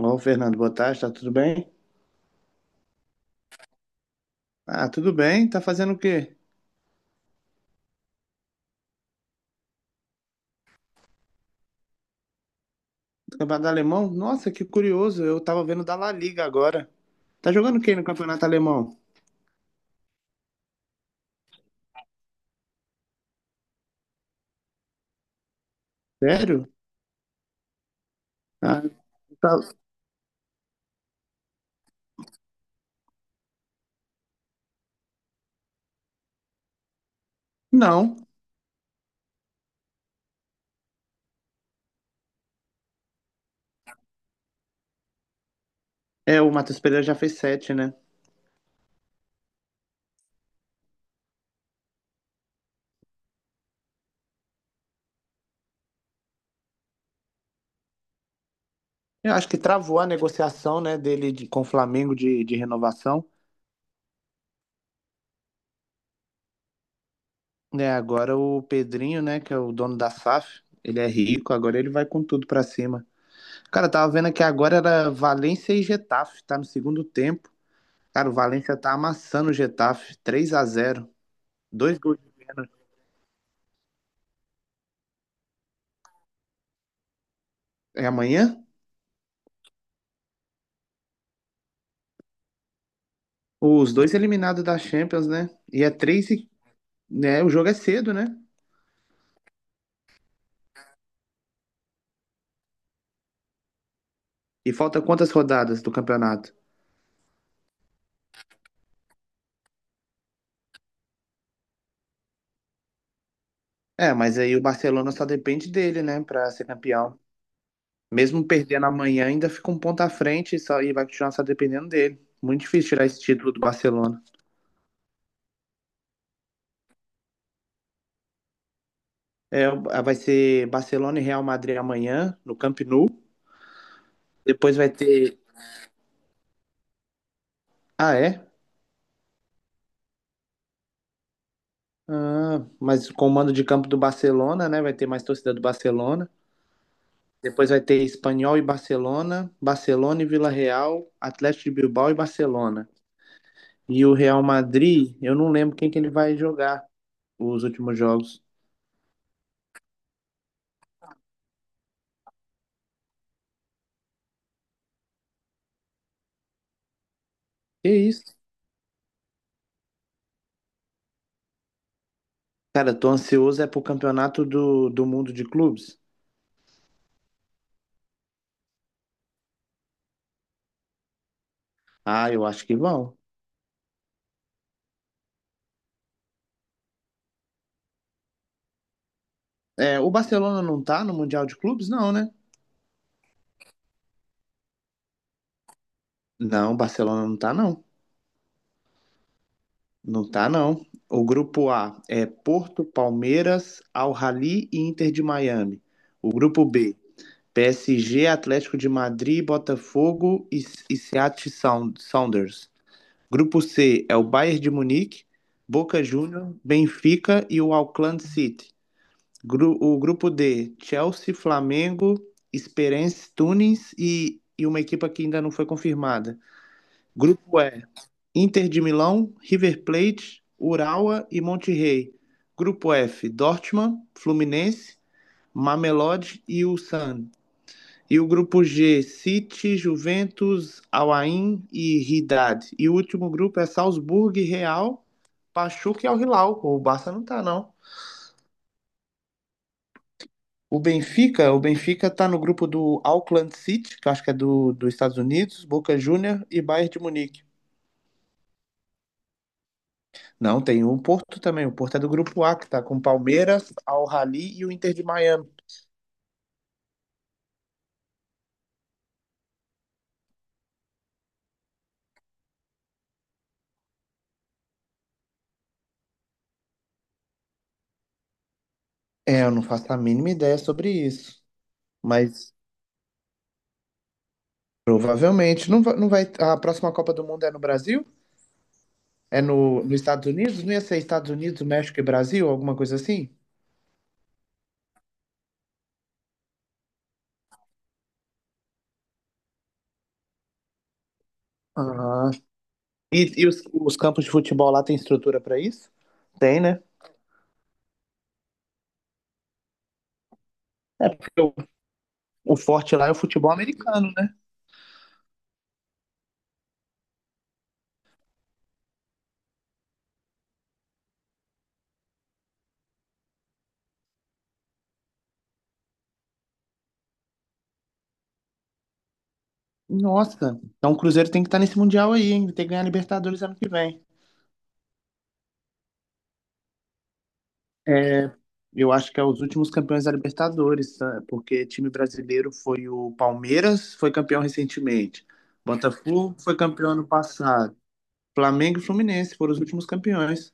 Ô, Fernando, boa tarde, tá tudo bem? Ah, tudo bem, tá fazendo o quê? Campeonato alemão? Nossa, que curioso, eu tava vendo da La Liga agora. Tá jogando quem no campeonato alemão? Sério? Ah, tá- Não, é, o Matheus Pereira já fez sete, né? Eu acho que travou a negociação, né, dele de- com o Flamengo de renovação. Né? Agora o Pedrinho, né, que é o dono da SAF, ele é rico, agora ele vai com tudo pra cima. Cara, eu tava vendo que agora era Valência e Getafe, tá no segundo tempo. Cara, o Valência tá amassando o Getafe, 3-0. Dois gols. É amanhã? Os dois eliminados da Champions, né? E é 3 e, né, o jogo é cedo, né? E falta quantas rodadas do campeonato? É, mas aí o Barcelona só depende dele, né, pra ser campeão. Mesmo perdendo amanhã, ainda fica um ponto à frente e, só, e vai continuar só dependendo dele. Muito difícil tirar esse título do Barcelona. É, vai ser Barcelona e Real Madrid amanhã, no Camp Nou. Depois vai ter. Ah, é? Ah, mas com o mando de campo do Barcelona, né? Vai ter mais torcida do Barcelona. Depois vai ter Espanhol e Barcelona, Barcelona e Vila Real, Atlético de Bilbao e Barcelona. E o Real Madrid, eu não lembro quem que ele vai jogar os últimos jogos. Que isso? Cara, eu tô ansioso é pro campeonato do mundo de clubes. Ah, eu acho que vão. É, o Barcelona não tá no Mundial de Clubes, não, né? Não, o Barcelona não tá, não. Não tá, não. O grupo A é Porto, Palmeiras, Al-Ahly e Inter de Miami. O grupo B, PSG, Atlético de Madrid, Botafogo e, Seattle Sound- Sounders. Grupo C é o Bayern de Munique, Boca Juniors, Benfica e o Auckland City. Gru- o grupo D, Chelsea, Flamengo, Esperance Tunis e, uma equipa que ainda não foi confirmada. Grupo E, Inter de Milão, River Plate, Urawa e Monterrey. Grupo F, Dortmund, Fluminense, Mamelodi e Ulsan. E o grupo G, City, Juventus, Al-Ain e Ridad. E o último grupo é Salzburg, Real, Pachuca e Al-Hilal. O Barça não tá, não. O Benfica tá no grupo do Auckland City, que eu acho que é dos Estados Unidos, Boca Juniors e Bayern de Munique. Não, tem o Porto também. O Porto é do grupo A, que tá com Palmeiras, Al-Ahly e o Inter de Miami. É, eu não faço a mínima ideia sobre isso. Mas provavelmente não vai, não vai. A próxima Copa do Mundo é no Brasil? É no, nos Estados Unidos? Não ia ser Estados Unidos, México e Brasil? Alguma coisa assim? Ah. E os campos de futebol lá tem estrutura pra isso? Tem, né? É porque o forte lá é o futebol americano, né? Nossa, então o Cruzeiro tem que estar nesse Mundial aí, hein? Tem que ganhar a Libertadores ano que vem. É, eu acho que é os últimos campeões da Libertadores, tá? Porque time brasileiro foi o Palmeiras, foi campeão recentemente. Botafogo foi campeão ano passado. Flamengo e Fluminense foram os últimos campeões.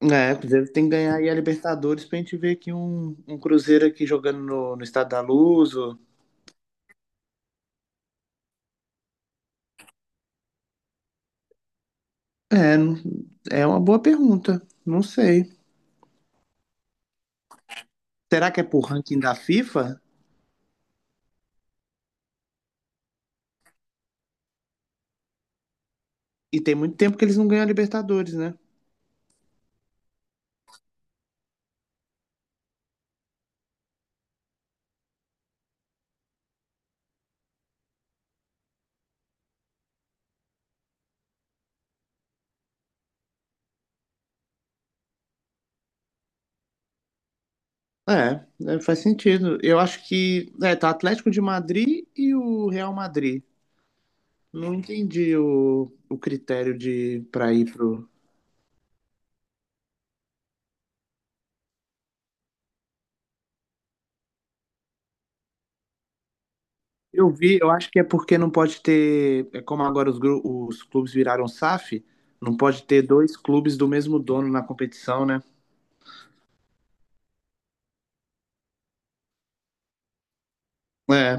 É, o Cruzeiro tem que ganhar aí a Libertadores pra gente ver aqui um, um Cruzeiro aqui jogando no, no Estado da Luz. Ou- é, não- é uma boa pergunta. Não sei. Será que é por ranking da FIFA? E tem muito tempo que eles não ganham a Libertadores, né? É, é, faz sentido. Eu acho que é, tá Atlético de Madrid e o Real Madrid. Não entendi o critério de para ir pro. Eu vi, eu acho que é porque não pode ter, é como agora os, gru- os clubes viraram SAF, não pode ter dois clubes do mesmo dono na competição, né? É.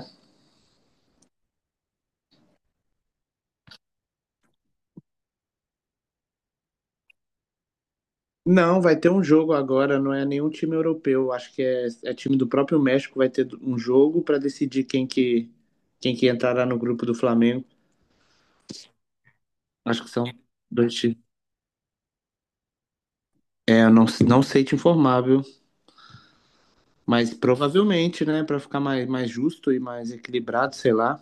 Não, vai ter um jogo agora, não é nenhum time europeu. Acho que é, é time do próprio México, vai ter um jogo para decidir quem que entrará no grupo do Flamengo. Acho que são dois times. É, eu não, não sei te informar, viu? Mas provavelmente, né? Pra ficar mais, mais justo e mais equilibrado, sei lá.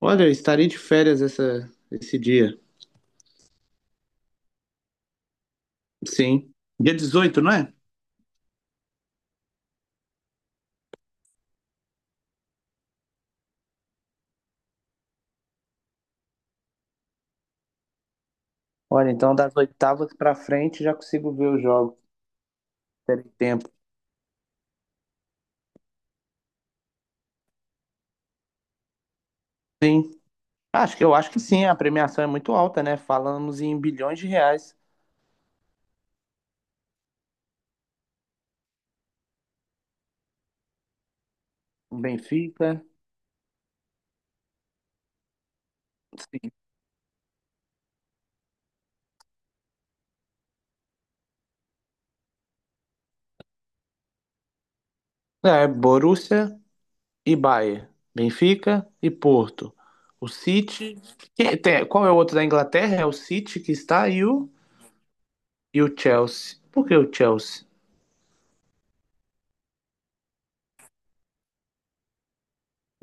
Olha, eu estarei de férias essa, esse dia. Sim. Dia 18 não é? Olha, então das oitavas pra frente já consigo ver os jogos. Terei tempo. Sim. Acho que eu acho que sim, a premiação é muito alta, né? Falamos em bilhões de reais. O Benfica. Sim. É, Borussia. E Bayern, Benfica e Porto. O City. Que- tem- qual é o outro da Inglaterra? É o City que está e o Chelsea. Por que o Chelsea?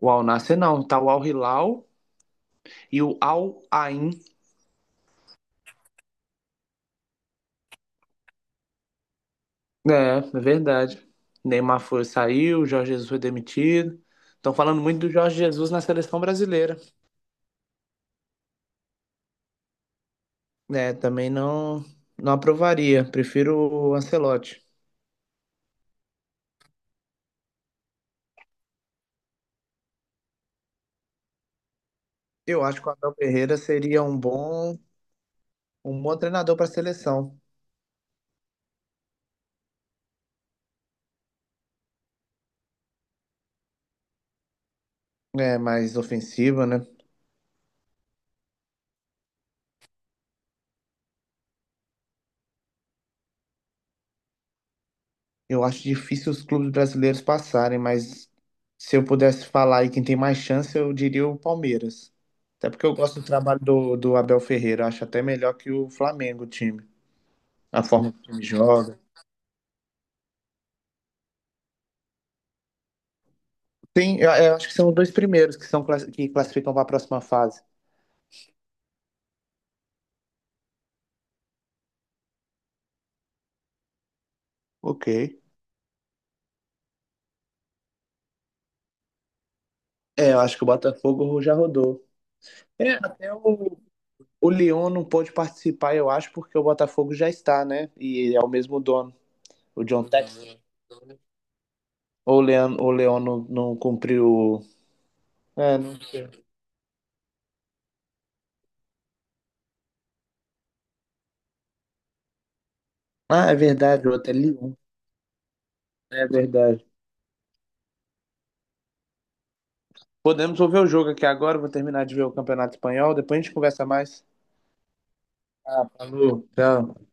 O Al Nassr não, tá o Al Hilal e o Al Ain. É, é verdade. Neymar foi, saiu, Jorge Jesus foi demitido. Estão falando muito do Jorge Jesus na seleção brasileira. Né também não, não aprovaria. Prefiro o Ancelotti. Eu acho que o Abel Ferreira seria um bom treinador para a seleção. É mais ofensiva, né? Eu acho difícil os clubes brasileiros passarem, mas se eu pudesse falar aí quem tem mais chance, eu diria o Palmeiras. Até porque eu gosto do trabalho do Abel Ferreira, eu acho até melhor que o Flamengo, o time, a forma que o time joga. Tem, eu acho que são os dois primeiros que são classi- que classificam para a próxima fase. Ok. É, eu acho que o Botafogo já rodou. É, até o Lyon não pôde participar, eu acho, porque o Botafogo já está, né? E é o mesmo dono, o John Textor. Ou o Leão não, não cumpriu. É, não- ah, é verdade, o outro é Leão. É verdade. Podemos ouvir o jogo aqui agora. Vou terminar de ver o Campeonato Espanhol. Depois a gente conversa mais. Ah, falou. Tchau.